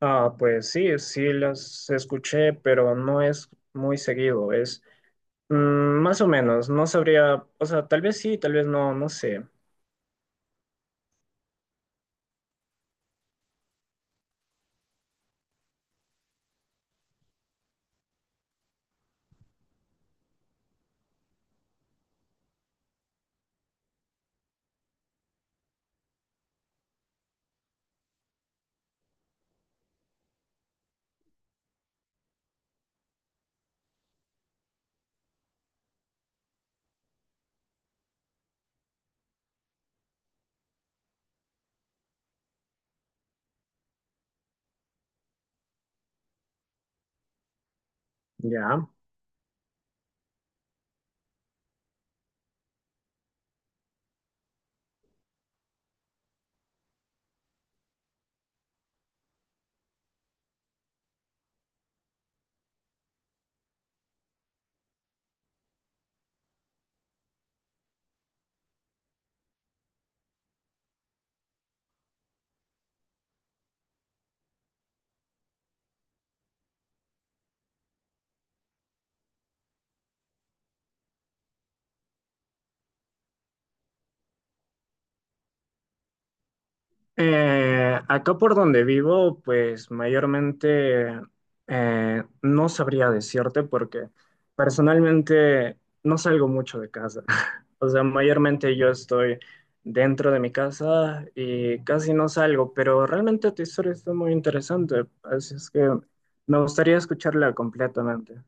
Ah, pues sí, sí las escuché, pero no es muy seguido, es mm, más o menos, no sabría, o sea, tal vez sí, tal vez no, no sé, ya. Acá por donde vivo, pues mayormente no sabría decirte porque personalmente no salgo mucho de casa. O sea, mayormente yo estoy dentro de mi casa y casi no salgo, pero realmente tu historia está muy interesante, así es que me gustaría escucharla completamente.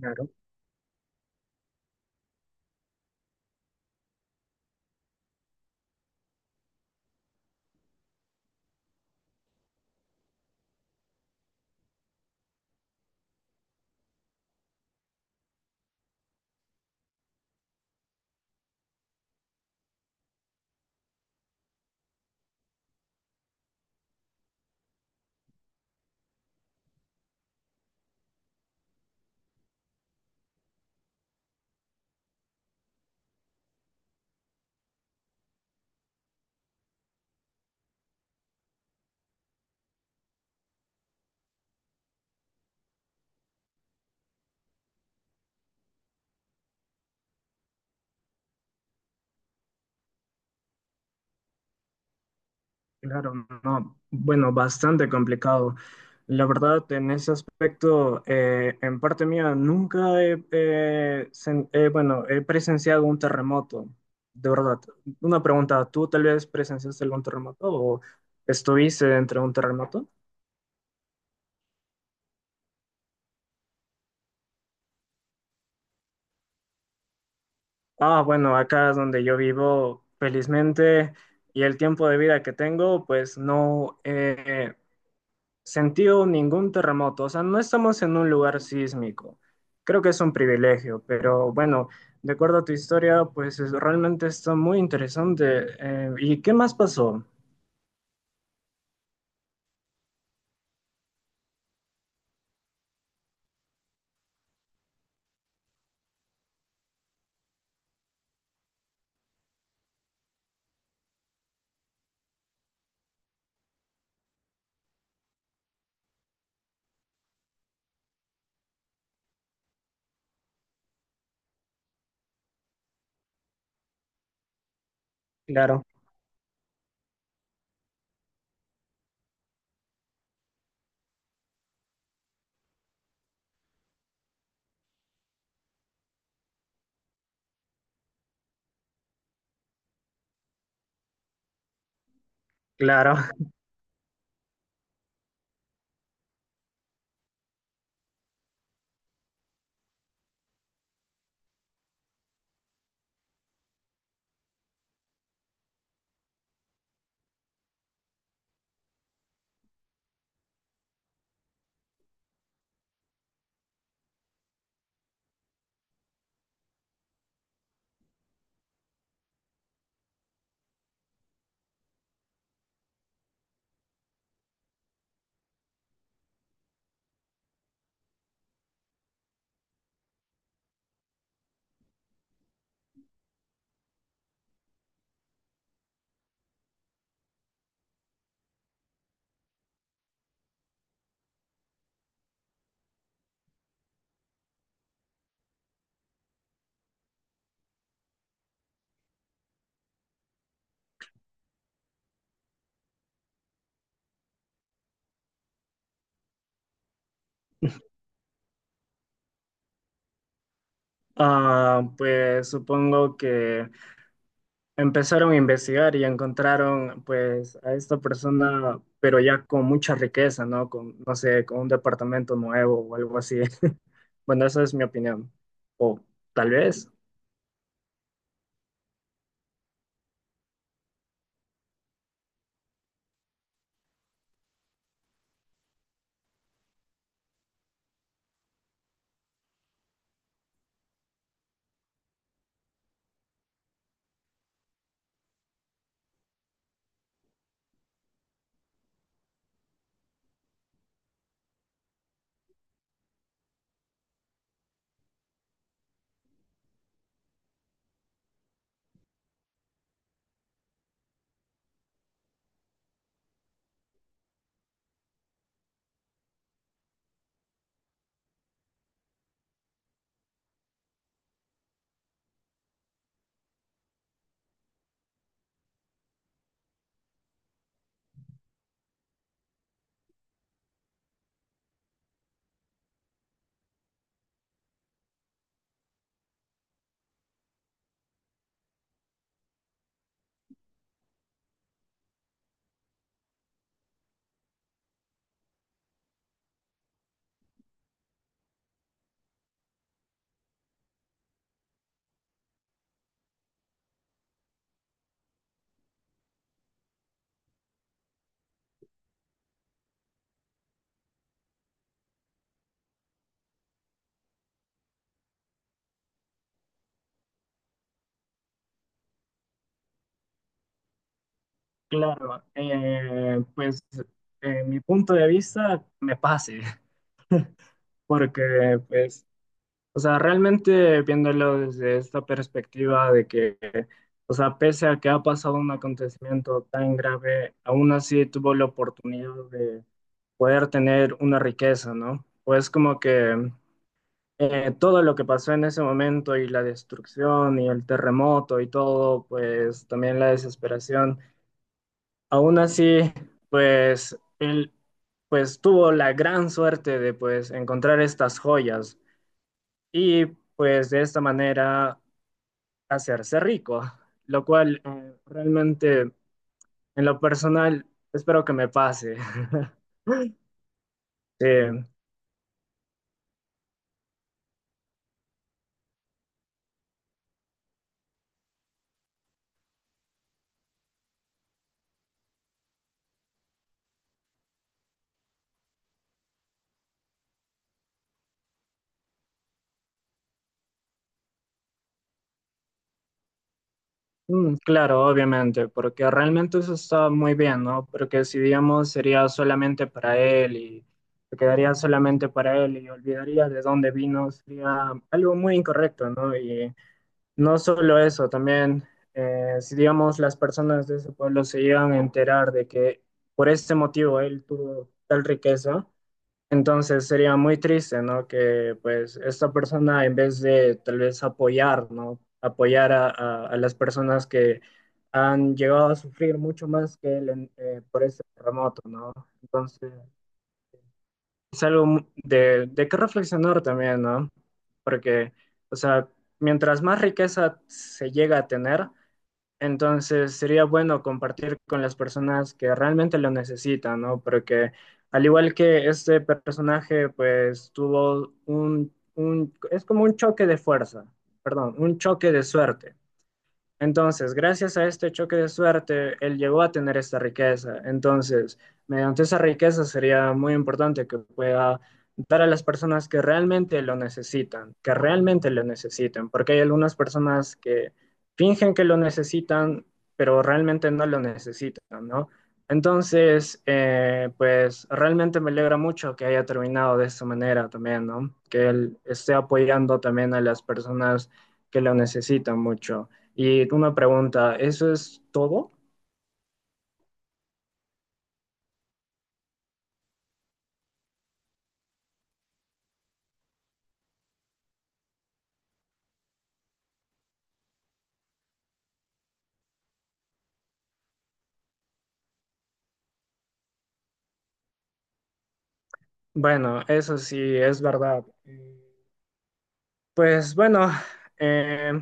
Claro. Claro, no, bueno, bastante complicado. La verdad, en ese aspecto, en parte mía, nunca he, sen- bueno, he presenciado un terremoto, de verdad. Una pregunta, ¿tú tal vez presenciaste algún terremoto o estuviste dentro de un terremoto? Ah, bueno, acá es donde yo vivo, felizmente, y el tiempo de vida que tengo, pues no, sentido ningún terremoto, o sea, no estamos en un lugar sísmico. Creo que es un privilegio, pero bueno, de acuerdo a tu historia, realmente está muy interesante. ¿Y qué más pasó? Claro, claro. Ah, pues supongo que empezaron a investigar y encontraron pues a esta persona, pero ya con mucha riqueza, ¿no? Con, no sé, con un departamento nuevo o algo así. Bueno, esa es mi opinión. O tal vez. Claro, pues en mi punto de vista me pase, porque pues, o sea, realmente viéndolo desde esta perspectiva de que, o sea, pese a que ha pasado un acontecimiento tan grave, aún así tuvo la oportunidad de poder tener una riqueza, ¿no? Pues como que todo lo que pasó en ese momento y la destrucción y el terremoto y todo, pues también la desesperación. Aún así, pues él pues tuvo la gran suerte de pues encontrar estas joyas y pues de esta manera hacerse rico, lo cual realmente en lo personal espero que me pase. Sí. Mm, claro, obviamente, porque realmente eso está muy bien, ¿no? Porque si digamos sería solamente para él y se quedaría solamente para él y olvidaría de dónde vino, sería algo muy incorrecto, ¿no? Y no solo eso, también si digamos las personas de ese pueblo se llegan a enterar de que por este motivo él tuvo tal riqueza, entonces sería muy triste, ¿no? Que pues esta persona en vez de tal vez apoyar, ¿no? Apoyar a las personas que han llegado a sufrir mucho más que él por este terremoto, ¿no? Entonces es algo de qué reflexionar también, ¿no? Porque, o sea, mientras más riqueza se llega a tener, entonces sería bueno compartir con las personas que realmente lo necesitan, ¿no? Porque al igual que este personaje, pues tuvo es como un choque de fuerza, perdón, un choque de suerte. Entonces, gracias a este choque de suerte, él llegó a tener esta riqueza. Entonces, mediante esa riqueza sería muy importante que pueda dar a las personas que realmente lo necesitan, que realmente lo necesiten, porque hay algunas personas que fingen que lo necesitan, pero realmente no lo necesitan, ¿no? Entonces, pues realmente me alegra mucho que haya terminado de esta manera también, ¿no? Que él esté apoyando también a las personas que lo necesitan mucho. Y una pregunta, ¿eso es todo? Bueno, eso sí, es verdad. Pues bueno, eh,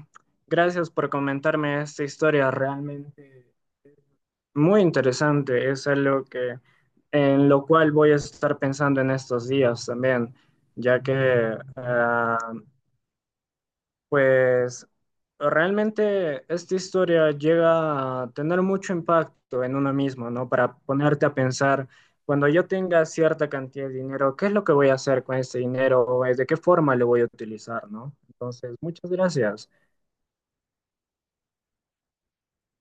gracias por comentarme esta historia realmente muy interesante. Es algo que, en lo cual voy a estar pensando en estos días también, ya que pues realmente esta historia llega a tener mucho impacto en uno mismo, ¿no? Para ponerte a pensar, cuando yo tenga cierta cantidad de dinero, ¿qué es lo que voy a hacer con este dinero? ¿O de qué forma lo voy a utilizar, ¿no? Entonces, muchas gracias.